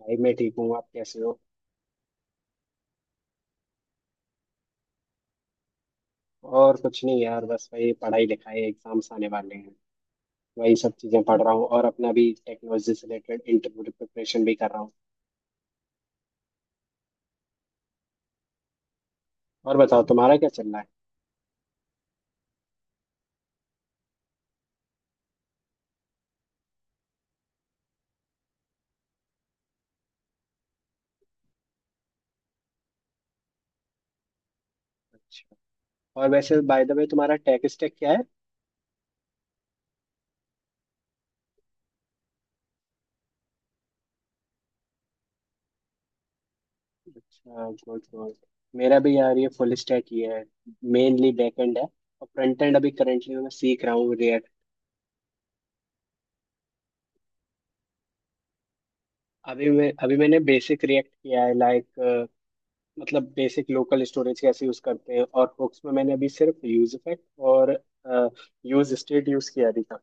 भाई मैं ठीक हूँ, आप कैसे हो। और कुछ नहीं यार, बस वही पढ़ाई लिखाई, एग्जाम्स आने वाले हैं। वही सब चीजें पढ़ रहा हूँ और अपना भी टेक्नोलॉजी से रिलेटेड इंटरव्यू प्रिपरेशन भी कर रहा हूँ। और बताओ, तुम्हारा क्या चल रहा है। अच्छा। और वैसे बाय द वे, तुम्हारा टेक स्टैक क्या है। अच्छा, गुड गुड। मेरा भी यार ये फुल स्टैक ही है। मेनली बैकएंड है, और फ्रंट एंड अभी करेंटली मैं सीख रहा हूँ रिएक्ट। अभी मैंने बेसिक रिएक्ट किया है, लाइक, मतलब बेसिक लोकल स्टोरेज कैसे यूज करते हैं, और हुक्स में मैंने अभी सिर्फ यूज इफेक्ट और यूज स्टेट यूज किया अभी तक।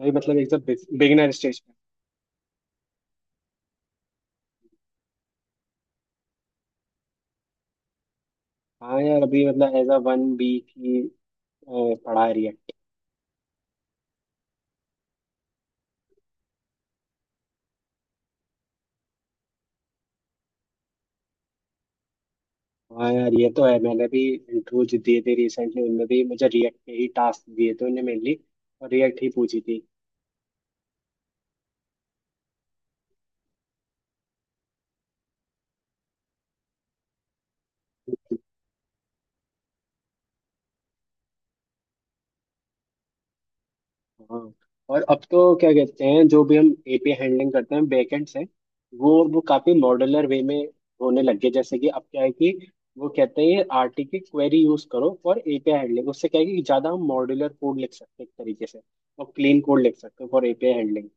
भाई मतलब एकदम बिगिनर स्टेज पे। हाँ यार, अभी मतलब एज अ वन बी की पढ़ा है रिएक्ट। हाँ यार ये तो है, मैंने भी इंटरव्यूज दिए थे रिसेंटली, उनमें भी मुझे रिएक्ट के ही टास्क दिए थे उन्हें मेनली, और रिएक्ट ही पूछी थी। हाँ। और अब तो क्या कहते हैं, जो भी हम एपीआई हैंडलिंग करते हैं बैकएंड से, वो काफी मॉड्यूलर वे में होने लग गए। जैसे कि अब क्या है कि वो कहते हैं आरटी की क्वेरी यूज करो फॉर एपीआई हैंडलिंग, उससे क्या है कि ज्यादा हम मॉड्यूलर कोड लिख सकते हैं एक तरीके से, और क्लीन कोड लिख सकते हैं फॉर एपीआई हैंडलिंग।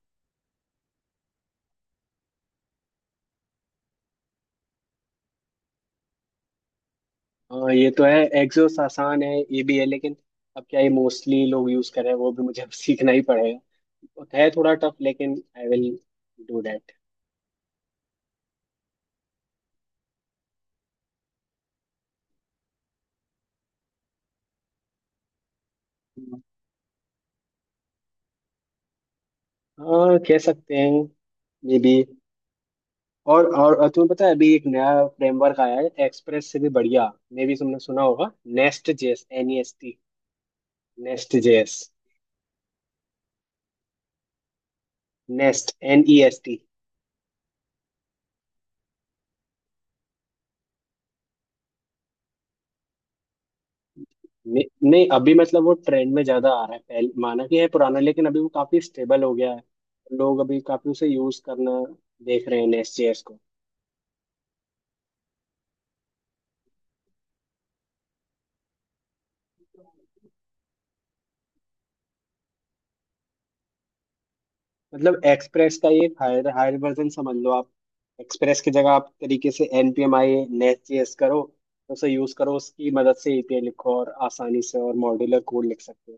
हाँ ये तो है, एक्सोस आसान है ये भी है, लेकिन अब क्या है मोस्टली लोग यूज कर रहे हैं, वो भी मुझे अब सीखना ही पड़ेगा। है थोड़ा टफ, लेकिन आई विल डू दैट। हाँ कह सकते हैं, मे बी। और तुम्हें पता है अभी एक नया फ्रेमवर्क आया है एक्सप्रेस से भी बढ़िया। मे भी तुमने सुना होगा, Nest JS, N E S T. Nest JS. Nest, N E S T. नहीं अभी मतलब वो ट्रेंड में ज्यादा आ रहा है, पहले माना कि है पुराना, लेकिन अभी वो काफी स्टेबल हो गया है। लोग अभी काफी उसे यूज करना देख रहे हैं, नेस्ट जेएस को। मतलब एक्सप्रेस का ये हायर हायर वर्जन समझ लो आप। एक्सप्रेस की जगह आप तरीके से npmi नेस्ट जेएस करो। उसे यूज करो, उसकी मदद से एपीआई लिखो, और आसानी से और मॉड्यूलर कोड लिख सकते हो।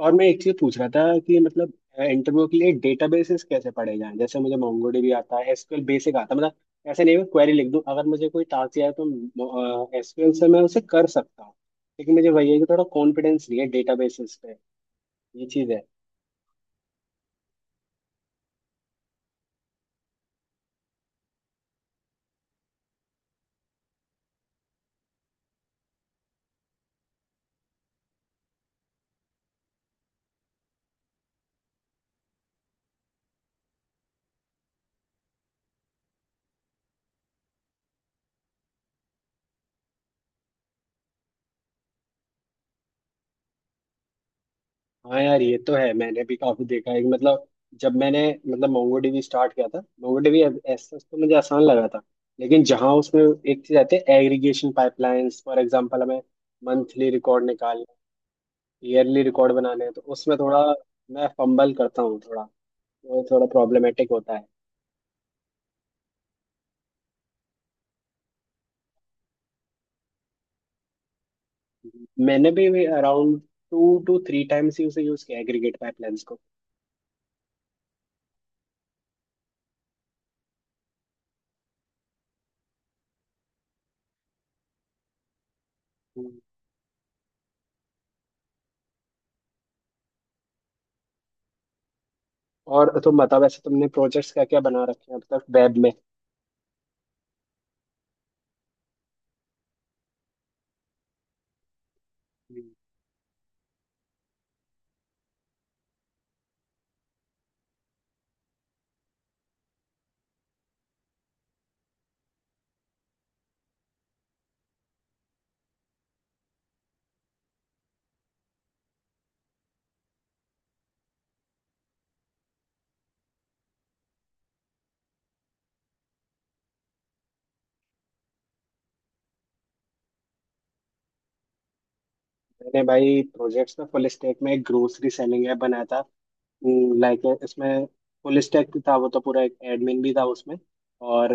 और मैं एक चीज पूछ रहा था कि मतलब इंटरव्यू के लिए डेटाबेसेस कैसे पढ़े जाएं, जैसे मुझे मोंगोडीबी आता है, एसक्यूएल बेसिक आता है, मतलब ऐसे नहीं, मैं क्वेरी लिख दूं अगर मुझे कोई टास्क आए तो एसक्यूएल से मैं उसे कर सकता हूँ, लेकिन मुझे वही है कि थोड़ा कॉन्फिडेंस नहीं है डेटाबेसेस पे, ये चीज है। हाँ यार ये तो है, मैंने भी काफी देखा है कि मतलब जब मैंने, मतलब mongodb स्टार्ट किया था, mongodb ऐसा तो मुझे आसान लगा था, लेकिन जहाँ उसमें एक चीज आती है एग्रीगेशन पाइपलाइंस, फॉर एग्जांपल हमें मंथली रिकॉर्ड निकालना, ईयरली रिकॉर्ड बनाने हैं, तो उसमें थोड़ा मैं फंबल करता हूँ थोड़ा, वो थोड़ा प्रॉब्लमेटिक होता है। मैंने भी around two two three times ही उसे यूज किया, एग्रीगेट पाइपलाइंस को। हम्म। और तुम बताओ, वैसे तुमने प्रोजेक्ट्स क्या क्या बना रखे हैं अब तक, वेब में? मैंने भाई प्रोजेक्ट्स में, फुल स्टैक में एक ग्रोसरी सेलिंग ऐप बनाया था। लाइक इसमें फुल स्टैक था वो तो पूरा, एक एडमिन भी था उसमें और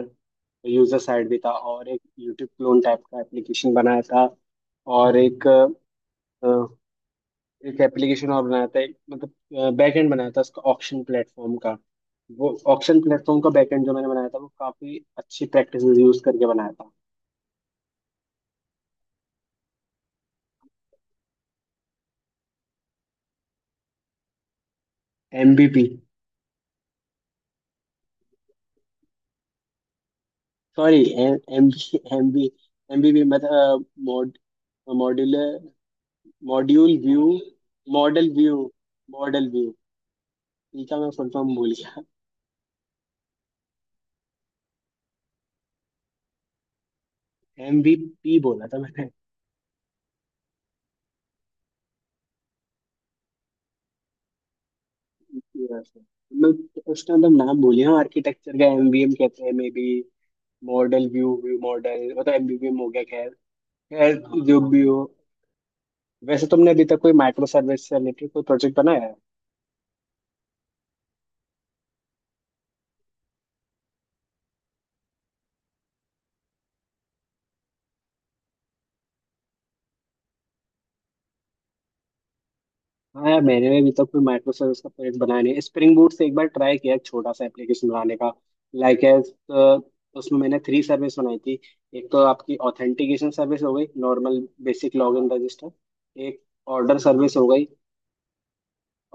यूजर साइड भी था, और एक यूट्यूब क्लोन टाइप का एप्लीकेशन बनाया था। और एक अ, एक एप्लीकेशन और बनाया था मतलब बैक एंड बनाया था उसका, ऑक्शन प्लेटफॉर्म का। वो ऑक्शन प्लेटफॉर्म का बैक एंड जो मैंने बनाया था वो काफी अच्छी प्रैक्टिस यूज करके बनाया था। MBP. Sorry, M B M B, M B भी मतलब mod, modular, module view, model view, model view. ठीक है, मैं फुल फॉर्म भूल गया। एम बी पी बोला था मैंने। Yes. मतलब उसका मतलब नाम भूल गया आर्किटेक्चर का, एम बी एम कहते हैं maybe. Model view view model, मतलब एम बी बी एम हो गया, खैर, खैर, जो भी हो। वैसे तुमने अभी तक कोई माइक्रो सर्विस से रिलेटेड कोई प्रोजेक्ट बनाया है? हाँ यार, मैंने भी अभी तक कोई माइक्रो सर्विस का प्रोजेक्ट बनाया नहीं, स्प्रिंग बूट से एक बार ट्राई किया एक छोटा सा एप्लीकेशन बनाने का, लाइक एज। उसमें मैंने थ्री सर्विस बनाई थी। एक तो आपकी ऑथेंटिकेशन सर्विस हो गई, नॉर्मल बेसिक लॉगिन रजिस्टर। एक ऑर्डर सर्विस हो गई।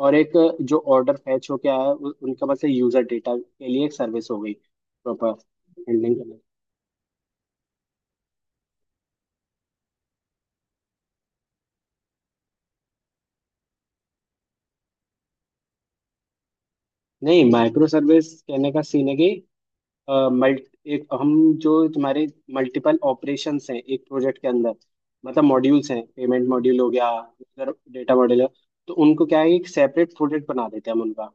और एक जो ऑर्डर फैच होके आया उनका मतलब यूजर डेटा के लिए एक सर्विस हो गई, प्रॉपर हैंडलिंग करने। नहीं, माइक्रो सर्विस कहने का सीन है कि मल्ट एक हम जो तुम्हारे मल्टीपल ऑपरेशंस हैं एक प्रोजेक्ट के अंदर, मतलब मॉड्यूल्स हैं, पेमेंट मॉड्यूल हो गया, यूजर डेटा मॉड्यूल है। तो उनको क्या है, एक सेपरेट प्रोजेक्ट बना देते हैं हम उनका,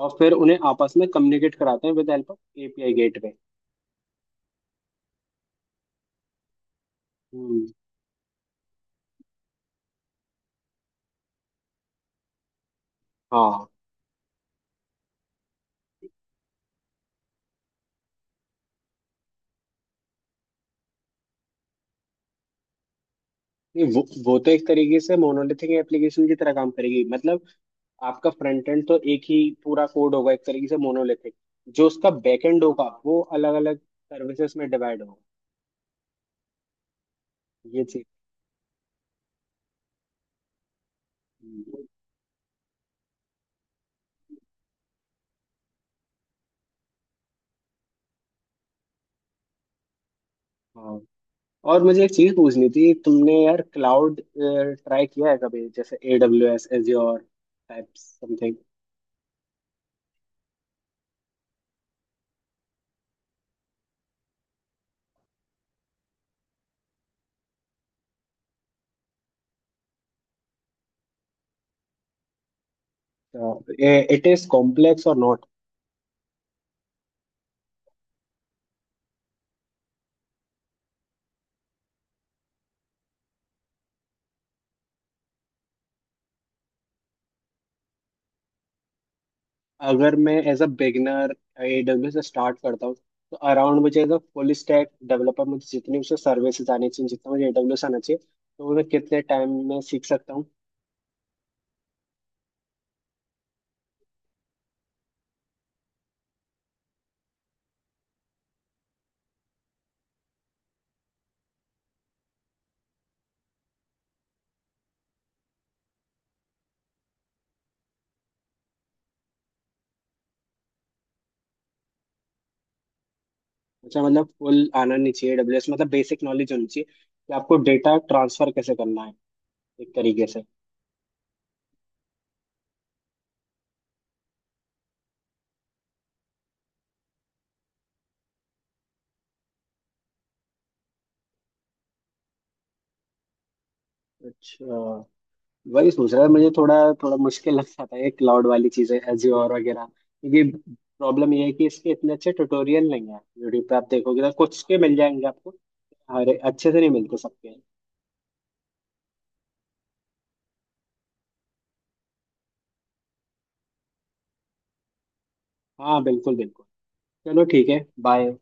और फिर उन्हें आपस में कम्युनिकेट कराते हैं with help of API gateway. हम्म। हाँ। नहीं, वो तो एक तरीके से मोनोलिथिक एप्लीकेशन की तरह काम करेगी, मतलब आपका फ्रंट एंड तो एक ही पूरा कोड होगा, एक तरीके से मोनोलिथिक। जो उसका बैक एंड होगा वो अलग अलग सर्विसेज में डिवाइड होगा। ये चीज। हम्म, हाँ। और मुझे एक चीज पूछनी थी, तुमने यार क्लाउड ट्राई किया है कभी, जैसे A W S, Azure type something? It is complex और नॉट? अगर मैं as a beginner A W से स्टार्ट करता हूँ, तो अराउंड मुझे as a full stack developer मुझे जितनी मुझे सर्विसेज आनी चाहिए, जितना मुझे ए डब्ल्यू एस आना चाहिए, तो वो मैं कितने टाइम में सीख सकता हूँ? अच्छा, मतलब फुल आना नहीं चाहिए ए डब्ल्यू एस, मतलब बेसिक नॉलेज होनी चाहिए कि आपको डेटा ट्रांसफर कैसे करना है, एक तरीके से। अच्छा, वही सोच रहा है, मुझे थोड़ा थोड़ा मुश्किल लग जाता है ये क्लाउड वाली चीजें, एज्योर वगैरह, क्योंकि प्रॉब्लम ये है कि इसके इतने अच्छे ट्यूटोरियल नहीं है, यूट्यूब पे आप देखोगे तो कुछ के मिल जाएंगे आपको। अरे, अच्छे से नहीं मिलते सबके। हाँ बिल्कुल बिल्कुल। चलो ठीक है, बाय।